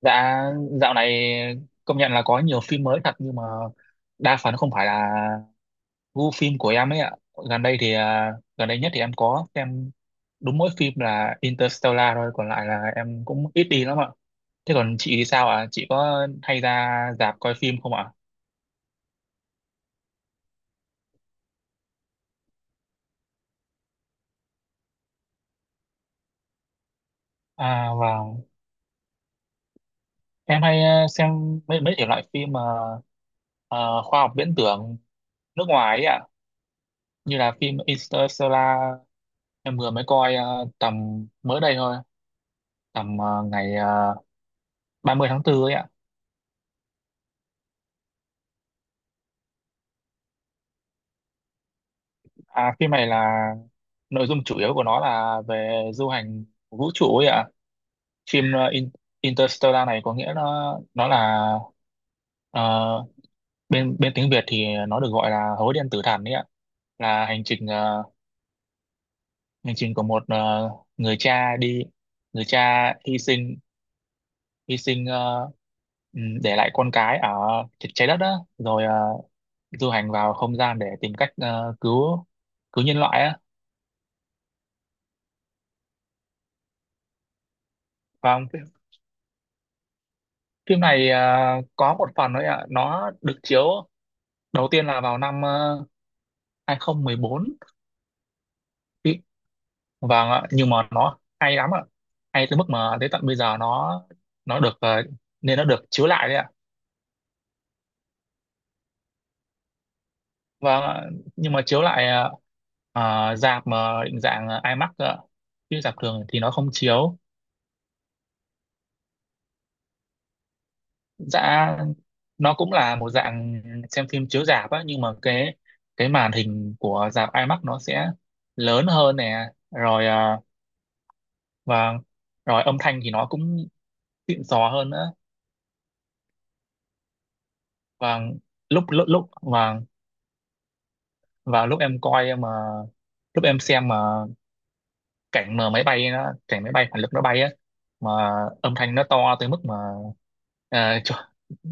Dạ, dạo này công nhận là có nhiều phim mới thật, nhưng mà đa phần không phải là gu phim của em ấy ạ. Gần đây thì, à, gần đây nhất thì em có xem đúng mỗi phim là Interstellar thôi, còn lại là em cũng ít đi lắm ạ. Thế còn chị thì sao ạ? Chị có hay ra rạp coi phim không ạ? À vâng, em hay xem mấy mấy thể loại phim mà ờ, khoa học viễn tưởng nước ngoài ấy ạ, như là phim Interstellar em vừa mới coi tầm mới đây thôi. Tầm ngày 30 tháng 4 ấy ạ. À, phim này là nội dung chủ yếu của nó là về du hành vũ trụ ấy ạ. Phim Interstellar này có nghĩa nó là, ờ, bên bên tiếng Việt thì nó được gọi là Hố Đen Tử Thần ấy ạ. Là hành trình, của một, người cha đi người cha hy sinh, hy sinh ờ, để lại con cái ở trái đất đó, rồi du hành vào không gian để tìm cách cứu cứu nhân loại á. Vâng, phim này à? Có một phần thôi ạ. Nó được chiếu đầu tiên là vào năm uh, 2014. Ý, vâng ạ, nhưng mà nó hay lắm ạ. Hay tới mức mà tới tận bây giờ nó nên nó được chiếu lại đấy ạ. Vâng ạ, nhưng mà chiếu lại, rạp mà định dạng IMAX ạ. Chứ rạp thường thì nó không chiếu. Dạ, nó cũng là một dạng xem phim chiếu rạp á, nhưng mà cái màn hình của rạp IMAX nó sẽ lớn hơn nè, rồi và rồi âm thanh thì nó cũng xịn sò hơn nữa. Và lúc lúc lúc và Lúc em xem mà, cảnh máy bay phản lực nó bay á, mà âm thanh nó to tới mức mà, à, cho,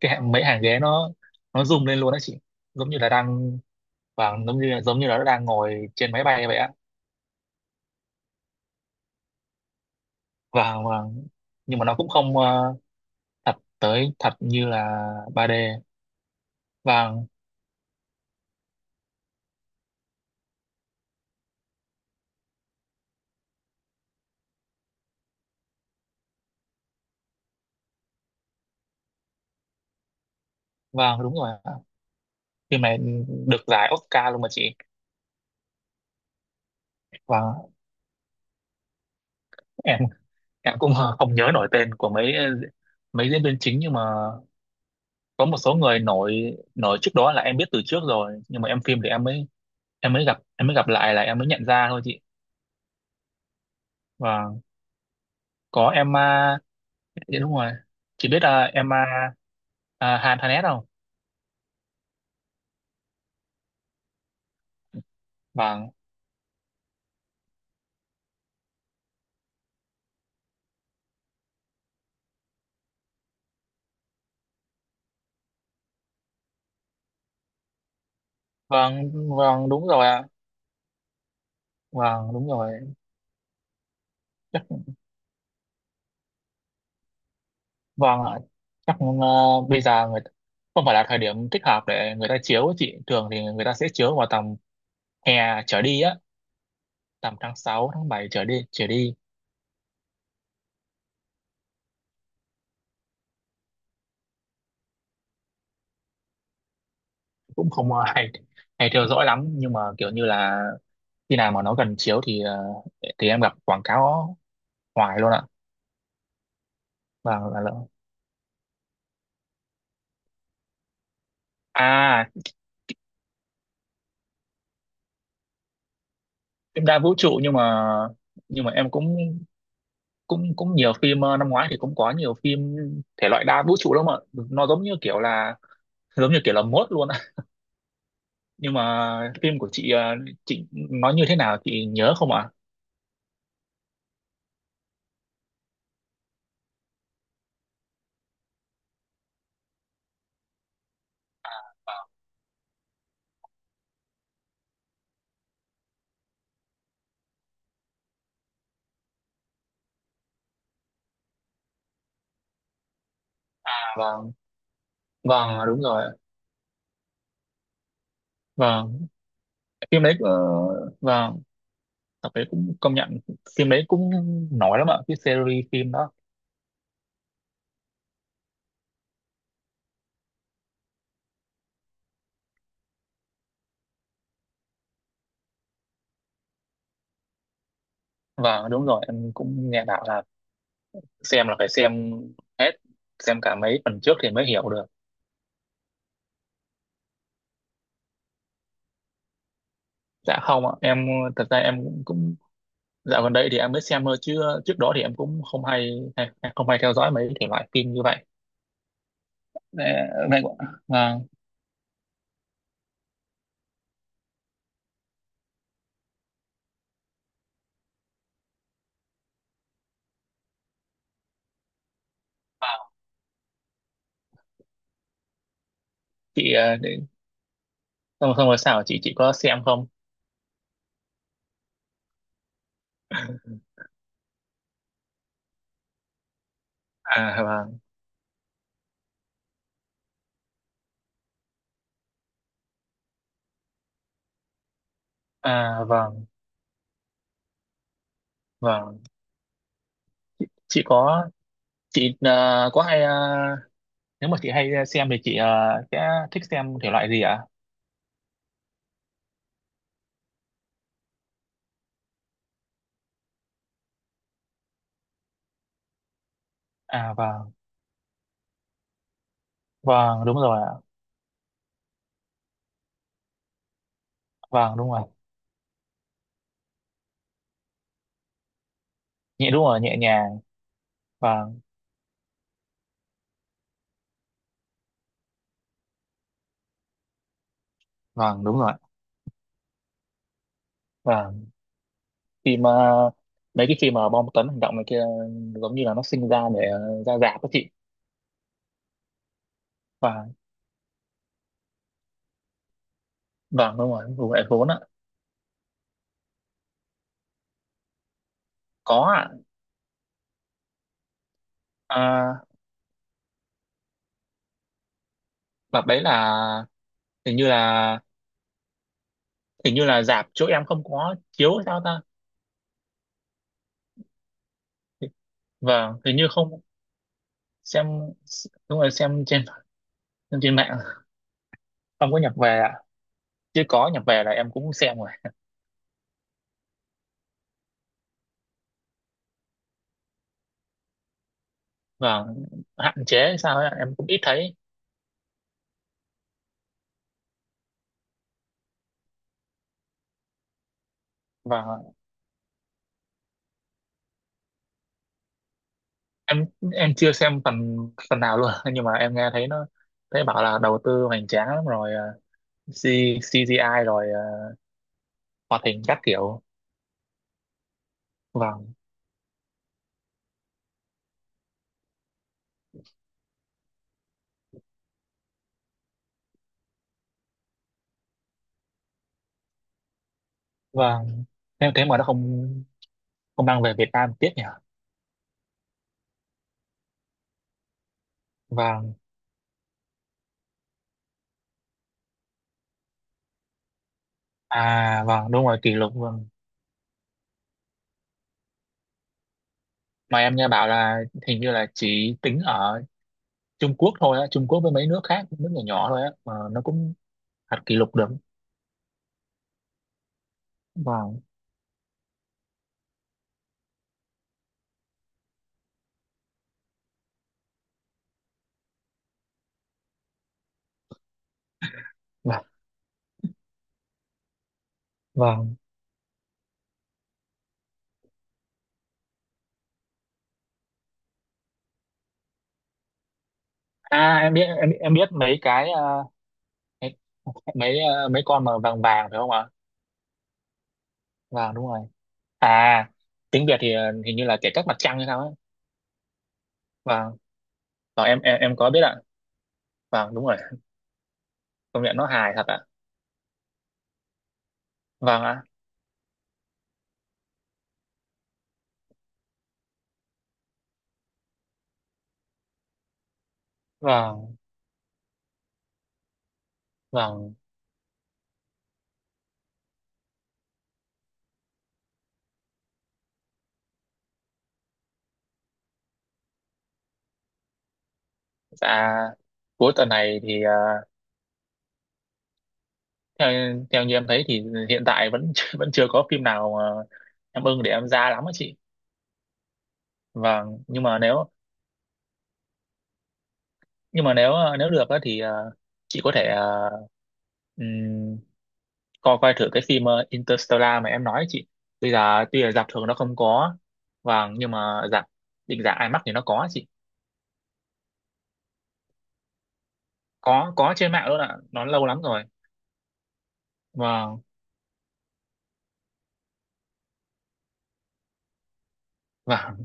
mấy hàng ghế nó rung lên luôn đó chị, giống như là đang giống như là nó đang ngồi trên máy bay vậy á. Và Nhưng mà nó cũng không thật như là 3D. Và và Đúng rồi ạ, phim này được giải Oscar luôn mà chị. Và em em cũng không nhớ nổi tên của mấy, ờ, mấy diễn viên chính, nhưng mà có một số người nổi nổi trước đó là em biết từ trước rồi, nhưng mà em phim thì em mới, em mới gặp lại là em mới nhận ra thôi chị. Và có Emma. Dạ đúng rồi, chị biết. Emma, à, Hanet không? Vâng, vâng, vâng đúng rồi ạ. Vâng đúng rồi. Chắc, vâng ạ, chắc bây giờ, không phải là thời điểm thích hợp để người ta chiếu ấy chị, thường thì người ta sẽ chiếu vào tầm hè trở đi á, tầm tháng 6 tháng 7 trở đi, cũng không có hay hay theo dõi lắm, nhưng mà kiểu như là khi nào mà nó gần chiếu thì, thì em gặp quảng cáo hoài luôn ạ. Và là, à Phim đa vũ trụ, nhưng mà em cũng cũng cũng nhiều phim năm ngoái thì cũng có nhiều phim thể loại đa vũ trụ lắm ạ. Nó giống như kiểu là giống như kiểu là mốt luôn ạ. Nhưng mà phim của chị chị nói như thế nào, chị nhớ không ạ? À, vâng vâng đúng rồi ạ. Vâng, phim đấy, vâng, tập đấy cũng công nhận, phim đấy cũng nổi lắm ạ, cái series phim đó. Và đúng rồi, em cũng nghe bảo là xem là phải xem hết, xem cả mấy phần trước thì mới hiểu được. Dạ không ạ, em thật ra em cũng, cũng dạo gần đây thì em mới xem thôi, chứ trước đó thì em cũng hay không hay theo dõi mấy thể loại phim như vậy. Ờ, vậy ạ. Vâng, chị để, xong rồi sao, chị có xem không? À vâng, à vâng, vâng. chị có chị ờ, có hay ờ, Nếu mà chị hay xem thì chị sẽ thích xem thể loại gì ạ? À vâng, vâng đúng rồi ạ. Vâng đúng rồi, nhẹ đúng rồi, nhẹ nhàng. Vâng, vâng đúng rồi. Vâng, phim, mấy cái phim mà bom tấn hành động này kia, ừ, giống như là nó sinh ra để ra rạp đó chị. Vâng, vâng đúng rồi, vụ lại vốn ạ. Có ạ. À, đợt đấy là hình như là, rạp chỗ em không có chiếu hay sao ta? Vâng, hình như không. Xem đúng rồi, xem trên mạng. Không có nhập về ạ. Chứ có nhập về là em cũng xem rồi. Và hạn chế sao ấy, em cũng ít thấy. Và em em chưa xem phần phần nào luôn nhưng mà em nghe thấy nó, thấy bảo là đầu tư hoành tráng lắm, rồi C, CGI, rồi hoạt hình các kiểu. Và và Thế mà nó không không mang về Việt Nam, tiếc nhỉ. Và, à vâng đúng rồi, kỷ lục, vâng. Mà em nghe bảo là hình như là chỉ tính ở Trung Quốc thôi á, Trung Quốc với mấy nước khác, nước nhỏ nhỏ thôi á, mà nó cũng đặt kỷ lục được. Vâng, vâng, vâng. À em biết, em biết mấy cái, mấy mấy ờ, mấy con mà vàng vàng phải không ạ? Vàng đúng rồi. À, tiếng Việt thì hình như là Kẻ Cắp Mặt Trăng hay sao ấy. Vàng. Vâng, em có biết ạ. Vàng đúng rồi. Công nhận nó hài thật ạ. Vâng ạ. Vâng, vâng. Dạ, cuối tuần này thì theo theo như em thấy thì hiện tại vẫn vẫn chưa có phim nào mà em ưng để em ra lắm á chị. Vâng, nhưng mà nếu, nếu được á thì chị có thể ờ, coi coi thử cái phim, Interstellar mà em nói ấy chị, bây giờ tuy là rạp thường nó không có, vâng, nhưng mà rạp định dạng IMAX thì nó có chị. Có, trên mạng luôn ạ, nó lâu lắm rồi. Vâng, vâng